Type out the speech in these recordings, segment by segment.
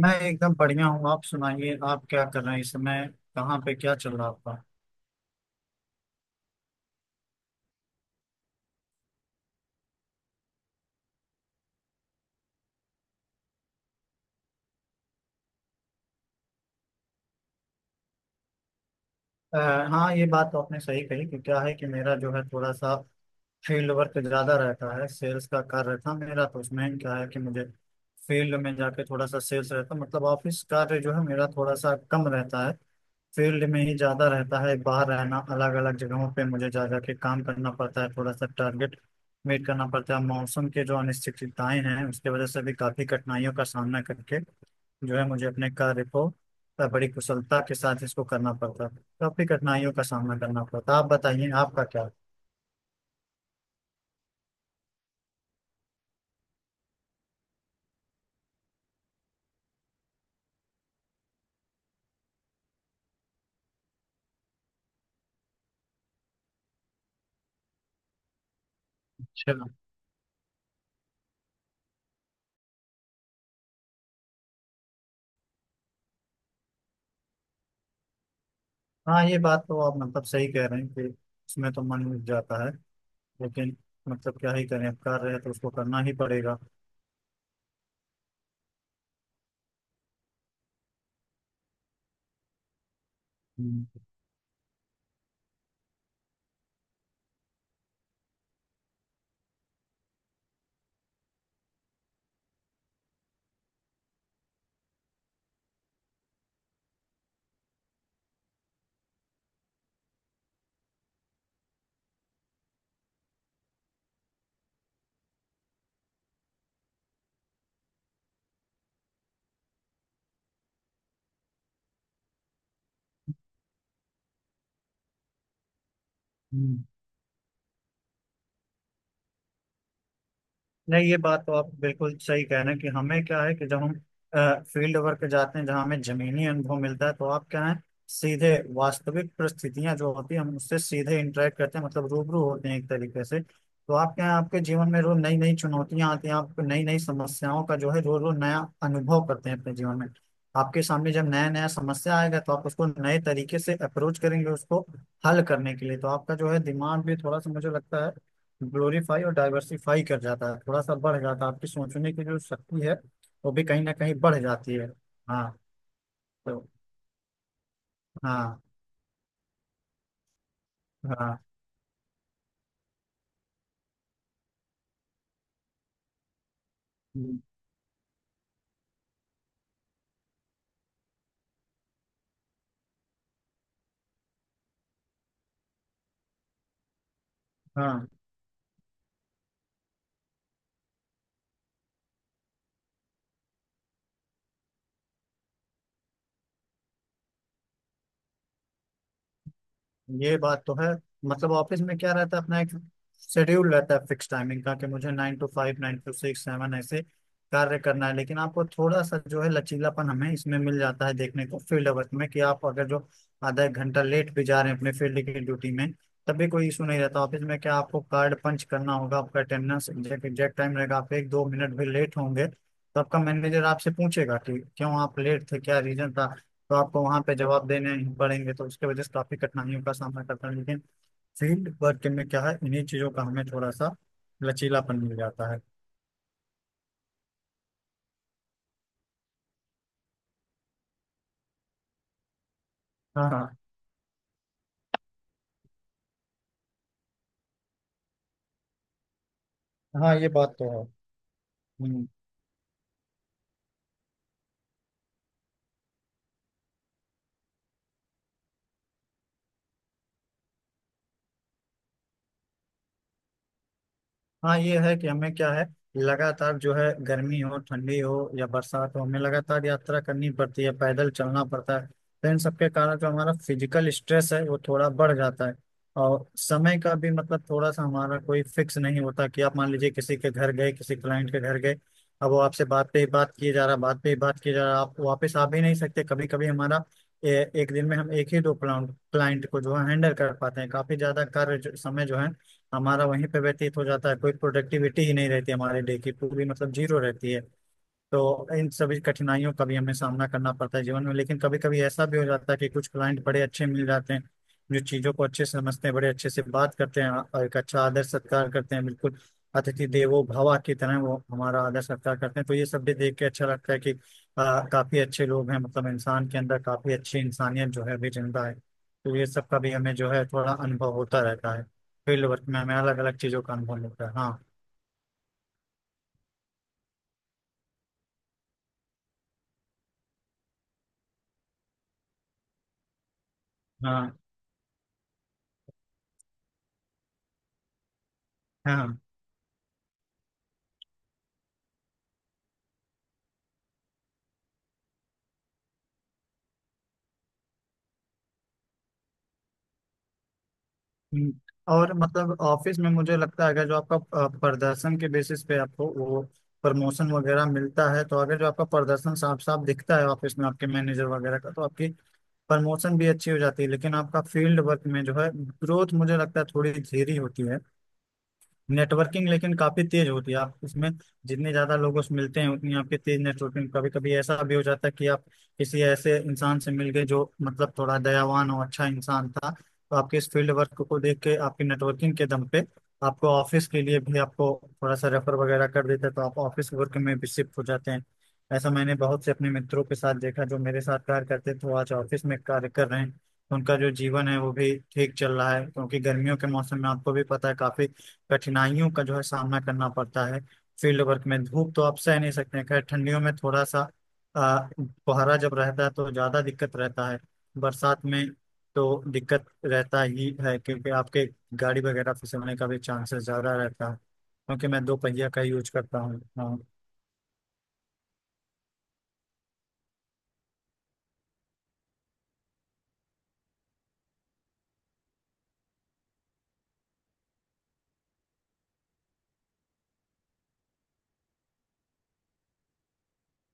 मैं एकदम बढ़िया हूँ। आप सुनाइए, आप क्या कर रहे हैं इस समय? कहाँ पे क्या चल रहा है आपका? अ, हाँ, ये बात तो आपने सही कही। कि क्या है कि मेरा जो है थोड़ा सा फील्ड वर्क ज्यादा रहता है। सेल्स का कार्य था मेरा, तो उसमें क्या है कि मुझे फील्ड में जाके थोड़ा सा सेल्स रहता, मतलब ऑफिस कार्य जो है मेरा थोड़ा सा कम रहता है। फील्ड में ही ज्यादा रहता है, बाहर रहना, अलग अलग जगहों पे मुझे जा जाके काम करना पड़ता है। थोड़ा सा टारगेट मीट करना पड़ता है। मौसम के जो अनिश्चितताएं हैं उसकी वजह से भी काफी कठिनाइयों का सामना करके जो है मुझे अपने कार्य को बड़ी कुशलता के साथ इसको करना पड़ता। काफी कठिनाइयों का सामना करना पड़ता। आप बताइए, आपका क्या? अच्छा। हाँ, ये बात तो आप मतलब सही कह रहे हैं कि इसमें तो मन उठ जाता है। लेकिन मतलब क्या ही करें, अब कार्य है तो उसको करना ही पड़ेगा। हम्म। हम्म। नहीं, ये बात तो आप बिल्कुल सही कह रहे हैं कि हमें क्या है कि जब हम फील्ड वर्क जाते हैं जहाँ हमें जमीनी अनुभव मिलता है, तो आप क्या है, सीधे वास्तविक परिस्थितियां जो होती है हम उससे सीधे इंटरेक्ट करते हैं, मतलब रूबरू होते हैं एक तरीके से। तो आप क्या है, आपके जीवन में रोज नई नई चुनौतियां आती हैं, आपको नई नई समस्याओं का जो है रोज रोज नया अनुभव करते हैं अपने जीवन में। आपके सामने जब नया नया समस्या आएगा तो आप उसको नए तरीके से अप्रोच करेंगे, उसको हल करने के लिए। तो आपका जो है दिमाग भी थोड़ा सा मुझे लगता है ग्लोरीफाई और डाइवर्सिफाई कर जाता है, थोड़ा सा बढ़ जाता है। आपकी सोचने की जो शक्ति है वो भी कहीं ना कहीं बढ़ जाती है। हाँ। तो हाँ, हाँ। हम्म। हाँ, ये बात तो है। मतलब ऑफिस में क्या रहता है, अपना एक शेड्यूल रहता है फिक्स टाइमिंग का, कि मुझे 9 to 5, 9 to 6, सेवन, ऐसे कार्य करना है। लेकिन आपको थोड़ा सा जो है लचीलापन हमें इसमें मिल जाता है देखने को फील्ड वर्क में, कि आप अगर जो आधा एक घंटा लेट भी जा रहे हैं अपने फील्ड की ड्यूटी में, तब भी कोई इशू नहीं रहता। ऑफिस में क्या, आपको कार्ड पंच करना होगा, आपका अटेंडेंस एग्जैक्ट टाइम रहेगा, आप एक दो मिनट भी लेट होंगे तो आपका मैनेजर आपसे पूछेगा कि क्यों आप लेट थे, क्या रीजन था। तो आपको वहां पे जवाब देने पड़ेंगे। तो उसके वजह से काफी कठिनाइयों का सामना करता है। लेकिन फील्ड वर्क में क्या है, इन्हीं चीजों का हमें थोड़ा सा लचीलापन मिल जाता है। हाँ। हाँ। हाँ, ये बात तो है। हम्म। हाँ, ये है कि हमें क्या है, लगातार जो है गर्मी हो, ठंडी हो या बरसात हो, हमें लगातार यात्रा करनी पड़ती है, पैदल चलना पड़ता है। तो इन सबके कारण जो हमारा फिजिकल स्ट्रेस है वो थोड़ा बढ़ जाता है। और समय का भी मतलब थोड़ा सा हमारा कोई फिक्स नहीं होता कि आप मान लीजिए किसी के घर गए, किसी क्लाइंट के घर गए, अब वो आपसे बात पे ही बात किए जा रहा, बात पे ही बात किए जा रहा, आप वापस आ भी नहीं सकते। कभी कभी हमारा एक दिन में हम एक ही दो क्लाइंट को जो है हैंडल कर पाते हैं। काफी ज्यादा कार्य समय जो है हमारा वहीं पे व्यतीत हो जाता है, कोई प्रोडक्टिविटी ही नहीं रहती, हमारे डे की पूरी मतलब जीरो रहती है। तो इन सभी कठिनाइयों का भी हमें सामना करना पड़ता है जीवन में। लेकिन कभी कभी ऐसा भी हो जाता है कि कुछ क्लाइंट बड़े अच्छे मिल जाते हैं, जो चीजों को अच्छे से समझते हैं, बड़े अच्छे से बात करते हैं और एक अच्छा आदर सत्कार करते हैं, बिल्कुल अतिथि देवो भवा की तरह वो हमारा आदर सत्कार करते हैं। तो ये सब भी देख के अच्छा लगता है कि काफी अच्छे लोग हैं, मतलब इंसान के अंदर काफी अच्छी इंसानियत जो है अभी जिंदा है। तो ये सब का भी हमें जो है थोड़ा अनुभव होता रहता है। फील्ड वर्क में हमें अलग अलग चीजों का अनुभव होता है। हाँ। हाँ। हाँ। हम्म। और मतलब ऑफिस में मुझे लगता है अगर जो आपका प्रदर्शन के बेसिस पे आपको वो प्रमोशन वगैरह मिलता है, तो अगर जो आपका प्रदर्शन साफ साफ दिखता है ऑफिस में आपके मैनेजर वगैरह का, तो आपकी प्रमोशन भी अच्छी हो जाती है। लेकिन आपका फील्ड वर्क में जो है ग्रोथ मुझे लगता है थोड़ी धीरे होती है। नेटवर्किंग लेकिन काफी तेज होती है। आप इसमें जितने ज्यादा लोगों से मिलते हैं उतनी आपकी तेज नेटवर्किंग। कभी कभी ऐसा भी हो जाता है कि आप किसी ऐसे इंसान से मिल गए जो मतलब थोड़ा दयावान और अच्छा इंसान था, तो आपके इस फील्ड वर्क को देख के आपकी नेटवर्किंग के दम पे आपको ऑफिस के लिए भी आपको थोड़ा सा रेफर वगैरह कर देता है। तो आप ऑफिस वर्क में भी शिफ्ट हो जाते हैं। ऐसा मैंने बहुत से अपने मित्रों के साथ देखा, जो मेरे साथ कार्य करते थे वो आज ऑफिस में कार्य कर रहे हैं। उनका जो जीवन है वो भी ठीक चल रहा है। क्योंकि गर्मियों के मौसम में आपको भी पता है, काफी कठिनाइयों का जो है सामना करना पड़ता है। फील्ड वर्क में धूप तो आप सह नहीं सकते हैं। खैर ठंडियों में थोड़ा सा अ, कोहरा जब रहता है तो ज़्यादा दिक्कत रहता है। बरसात में तो दिक्कत रहता ही है, क्योंकि आपके गाड़ी वगैरह फिसलने का भी चांसेस ज़्यादा रहता है, क्योंकि मैं दो पहिया का यूज करता हूँ। हाँ।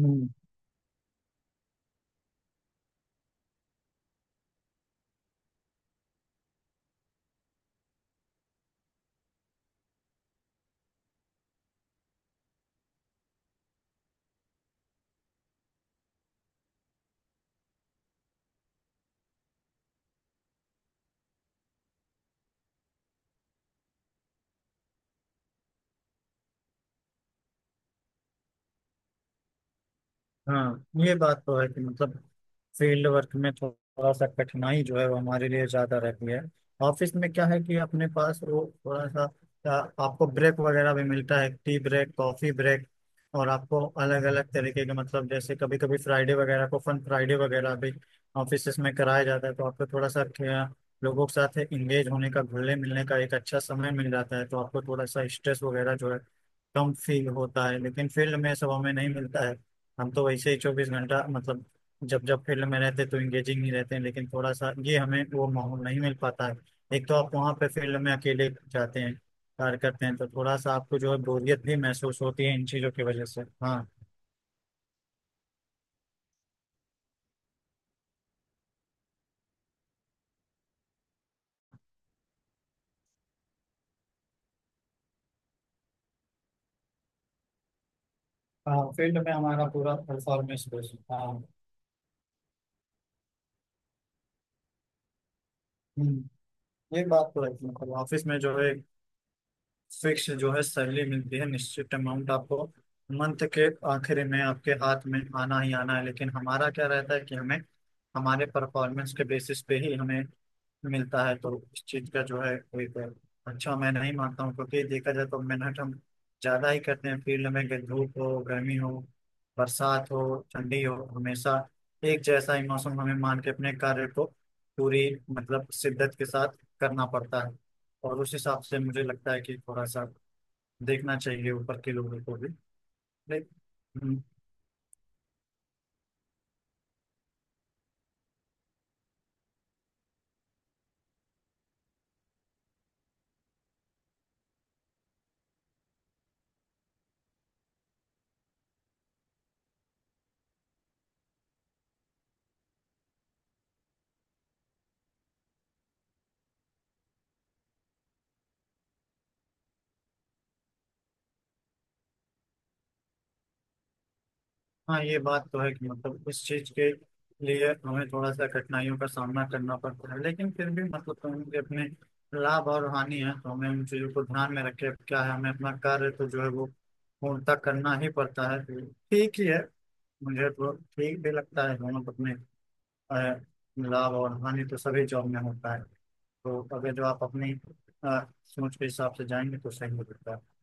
हम्म। हाँ, ये बात तो है कि मतलब फील्ड वर्क में थोड़ा सा कठिनाई जो है वो हमारे लिए ज्यादा रहती है। ऑफिस में क्या है कि अपने पास वो थोड़ा सा आ, आपको ब्रेक वगैरह भी मिलता है, टी ब्रेक, कॉफी ब्रेक, और आपको अलग अलग तरीके के मतलब जैसे कभी कभी फ्राइडे वगैरह को फन फ्राइडे वगैरह भी ऑफिस में कराया जाता है। तो आपको थोड़ा सा लोगों के साथ इंगेज होने का, घुलने मिलने का एक अच्छा समय मिल जाता है। तो आपको थोड़ा सा स्ट्रेस वगैरह जो है कम फील होता है। लेकिन फील्ड में सब हमें नहीं मिलता है। हम तो वैसे ही 24 घंटा मतलब जब जब फील्ड में रहते तो इंगेजिंग ही रहते हैं, लेकिन थोड़ा सा ये हमें वो माहौल नहीं मिल पाता है। एक तो आप वहाँ पे फील्ड में अकेले जाते हैं, कार्य करते हैं, तो थोड़ा सा आपको जो है बोरियत भी महसूस होती है इन चीज़ों की वजह से। हाँ। हाँ, फील्ड में हमारा पूरा परफॉर्मेंस बेस्ड। हाँ। हम्म। ये बात तो है मतलब ऑफिस में जो है फिक्स जो है सैलरी मिलती है, निश्चित अमाउंट आपको मंथ के आखिर में आपके हाथ में आना ही आना है। लेकिन हमारा क्या रहता है कि हमें हमारे परफॉर्मेंस के बेसिस पे ही हमें मिलता है। तो इस चीज का जो है कोई कोई अच्छा मैं नहीं मानता हूँ, क्योंकि देखा जाए तो मेहनत हम ज्यादा ही करते हैं फील्ड में। अगर धूप हो, गर्मी हो, बरसात हो, ठंडी हो, हमेशा एक जैसा ही मौसम हमें मान के अपने कार्य को पूरी मतलब शिद्दत के साथ करना पड़ता है। और उस हिसाब से मुझे लगता है कि थोड़ा सा देखना चाहिए ऊपर के लोगों को भी। लेकिन हाँ, ये बात तो है कि मतलब इस चीज के लिए हमें थोड़ा सा कठिनाइयों का सामना करना पड़ता है। लेकिन फिर भी मतलब तो उनके अपने लाभ और हानि है, तो हमें उन चीजों को ध्यान में रखे, क्या है, हमें अपना कार्य तो जो है वो पूर्णतः करना ही पड़ता है। तो ठीक ही है। मुझे तो ठीक भी लगता है दोनों को अपने अ, लाभ और हानि तो सभी जॉब में होता है। तो अगर जो आप अपनी अ, सोच के हिसाब से जाएंगे तो सही हो सकता है।